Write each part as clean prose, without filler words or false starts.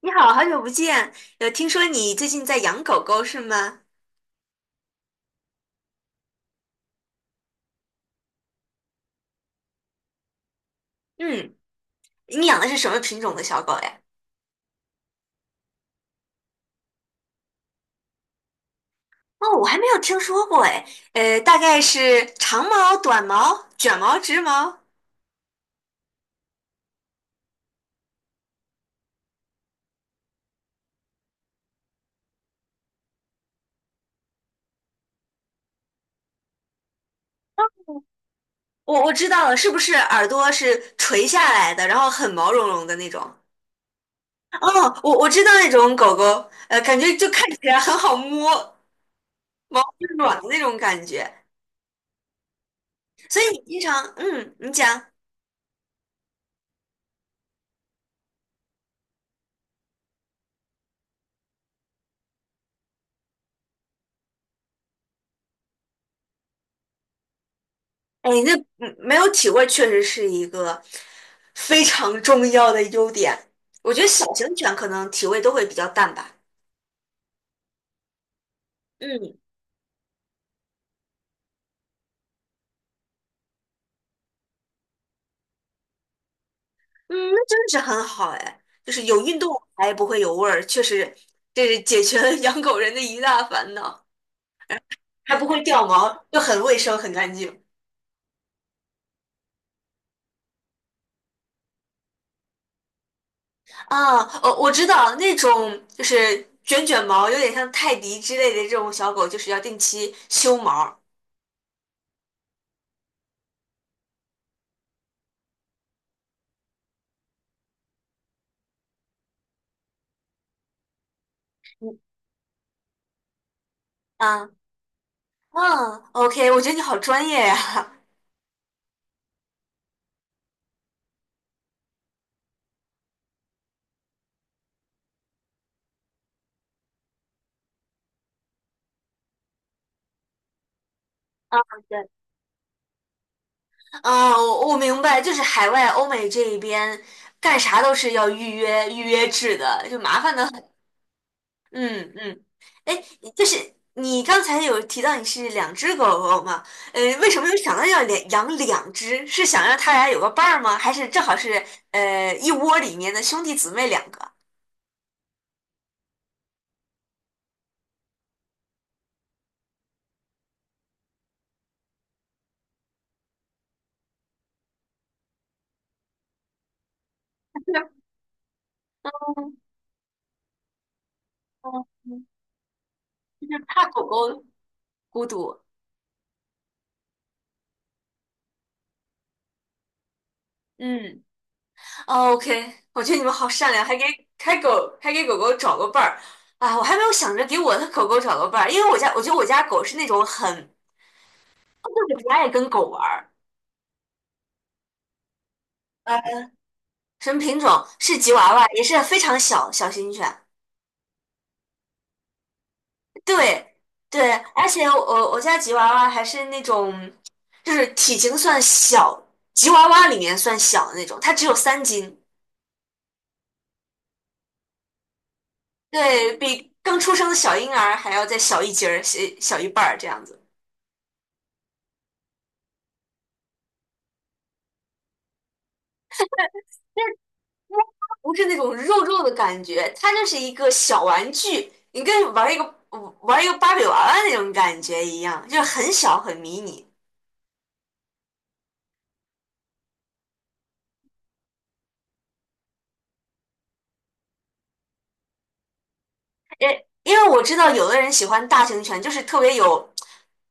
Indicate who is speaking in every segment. Speaker 1: 你好，好久不见。有听说你最近在养狗狗是吗？嗯，你养的是什么品种的小狗呀？哦，我还没有听说过哎。大概是长毛、短毛、卷毛、直毛。我知道了，是不是耳朵是垂下来的，然后很毛茸茸的那种？哦，我知道那种狗狗，感觉就看起来很好摸，毛是软的那种感觉。所以你经常，你讲。哎，那没有体味确实是一个非常重要的优点。我觉得小型犬可能体味都会比较淡吧。嗯嗯，那真的是很好哎，就是有运动还不会有味儿，确实这是解决了养狗人的一大烦恼，还不会掉毛，又很卫生很干净。啊，哦，我知道那种就是卷卷毛，有点像泰迪之类的这种小狗，就是要定期修毛。嗯啊嗯，OK，我觉得你好专业呀。啊，对，啊，我明白，就是海外欧美这一边干啥都是要预约制的，就麻烦的很。嗯嗯，哎，就是你刚才有提到你是2只狗狗嘛？为什么又想到要养两只？是想让它俩有个伴儿吗？还是正好是一窝里面的兄弟姊妹两个？嗯嗯，嗯就是怕狗狗孤独。嗯。哦，OK，我觉得你们好善良，还给狗狗找个伴儿。啊！我还没有想着给我的狗狗找个伴儿，因为我觉得我家狗是那种很就是不爱跟狗玩儿。啊，什么品种？是吉娃娃，也是非常小型犬。对对，而且我家吉娃娃还是那种就是体型算小，吉娃娃里面算小的那种，它只有3斤，对，比刚出生的小婴儿还要再小一截儿，小小一半儿这样子。不是那种肉肉的感觉，它就是一个小玩具，你跟玩一个芭比娃娃那种感觉一样，就是很小很迷你。因因为我知道有的人喜欢大型犬，就是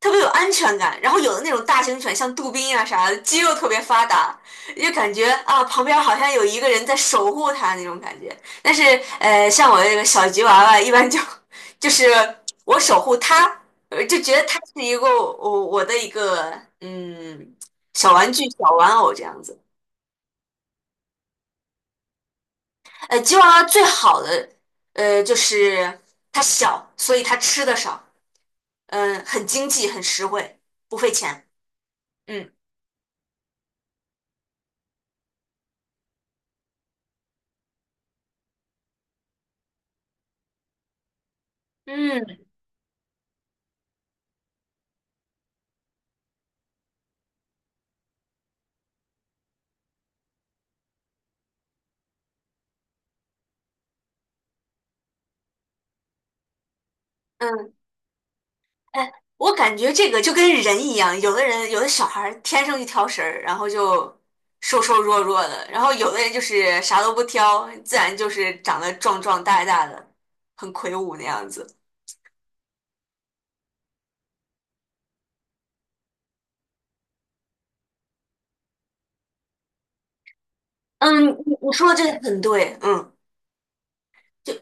Speaker 1: 特别有安全感，然后有的那种大型犬像杜宾啊啥的，肌肉特别发达，就感觉啊旁边好像有一个人在守护它那种感觉。但是像我这个小吉娃娃，一般就 就是我守护它，就觉得它是一个我的一个嗯小玩具、小玩偶这样子。吉娃娃最好的就是它小，所以它吃的少。嗯，很经济，很实惠，不费钱。嗯嗯，嗯，哎，我感觉这个就跟人一样，有的人有的小孩儿天生一挑食，儿，然后就瘦瘦弱弱的，然后有的人就是啥都不挑，自然就是长得壮壮大大的，很魁梧那样子。嗯，你说的这个很对，嗯，就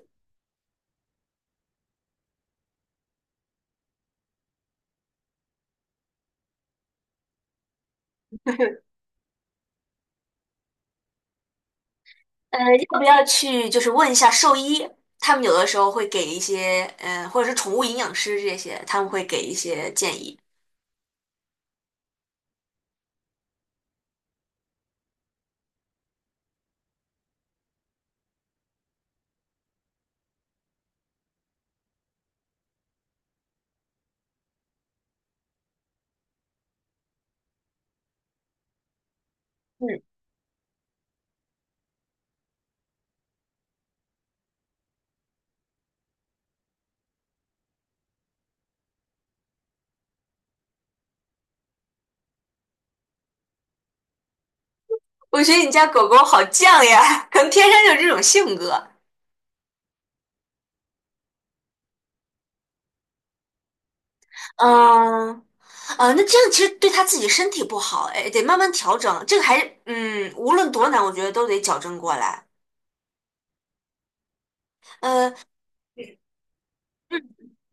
Speaker 1: 呃，要不要去就是问一下兽医？他们有的时候会给一些，嗯、或者是宠物营养师这些，他们会给一些建议。嗯。我觉得你家狗狗好犟呀，可能天生就这种性格。嗯啊，那这样其实对它自己身体不好，哎，得慢慢调整。这个还是无论多难，我觉得都得矫正过来。呃，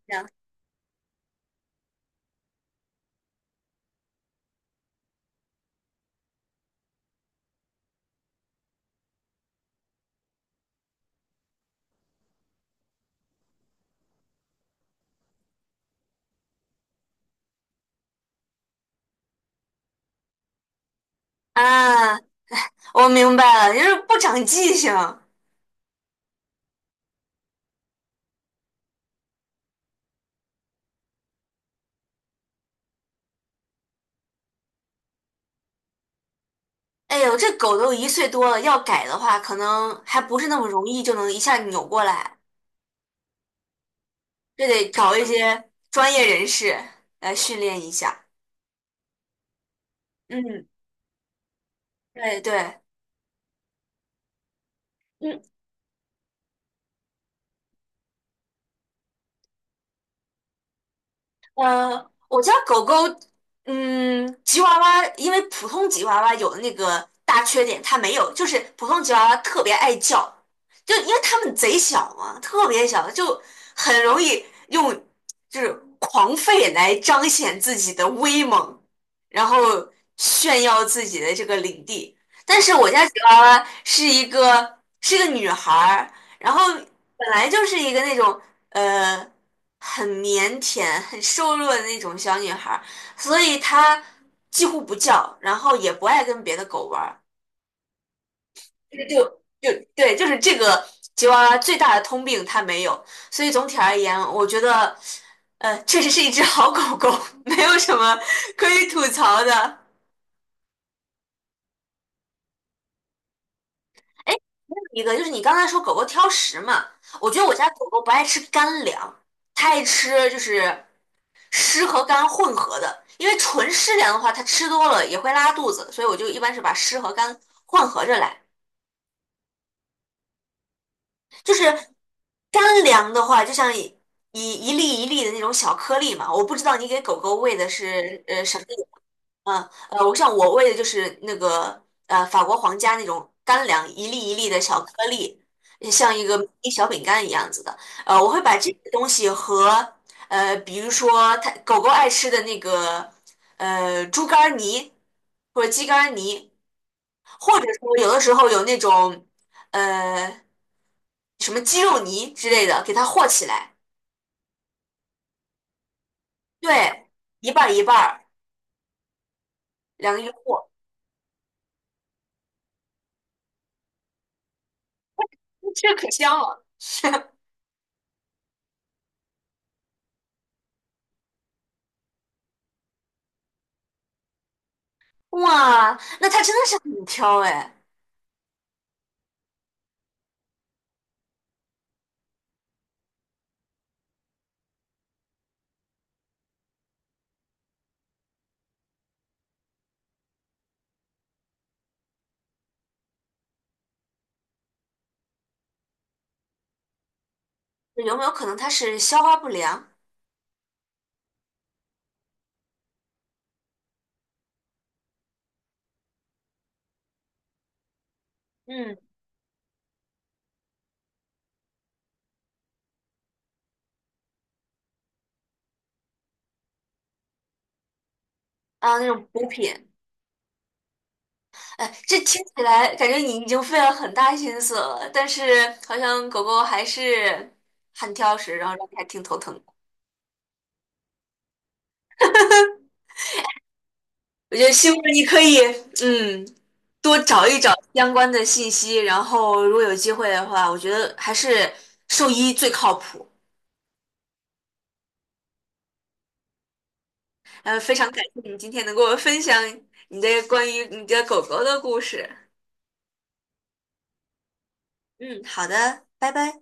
Speaker 1: 行啊，我明白了，就是不长记性。哎呦，这狗都1岁多了，要改的话，可能还不是那么容易就能一下扭过来，这得找一些专业人士来训练一下。嗯，对对。嗯。嗯，我家狗狗，吉娃娃，因为普通吉娃娃有的那个大缺点，它没有，就是普通吉娃娃特别爱叫，就因为它们贼小嘛，特别小，就很容易用就是狂吠来彰显自己的威猛，然后炫耀自己的这个领地。但是我家吉娃娃是一个女孩儿，然后本来就是一个那种呃。很腼腆、很瘦弱的那种小女孩儿，所以她几乎不叫，然后也不爱跟别的狗玩儿。这个就对，就是这个吉娃娃最大的通病它没有，所以总体而言，我觉得确实是一只好狗狗，没有什么可以吐槽的。哎，还有一个就是你刚才说狗狗挑食嘛，我觉得我家狗狗不爱吃干粮，它爱吃就是湿和干混合的，因为纯湿粮的话，它吃多了也会拉肚子，所以我就一般是把湿和干混合着来。就是干粮的话，就像一粒一粒的那种小颗粒嘛，我不知道你给狗狗喂的是什么嗯，我像我喂的就是那个法国皇家那种干粮，一粒一粒的小颗粒，像一个一小饼干一样子的。我会把这个东西和比如说狗狗爱吃的那个猪肝儿泥或者鸡肝儿泥，或者说有的时候有那种呃什么鸡肉泥之类的，给它和起来，对，一半儿一半儿，两个一和，这可香了。哇，那它真的是很挑哎，有没有可能它是消化不良？嗯，啊，那种补品，哎，这听起来感觉你已经费了很大心思了，但是好像狗狗还是很挑食，然后让你还挺头疼的。我觉得希望你可以，嗯，多找一找相关的信息，然后如果有机会的话，我觉得还是兽医最靠谱。非常感谢你今天能跟我分享你的关于你的狗狗的故事。嗯，好的，拜拜。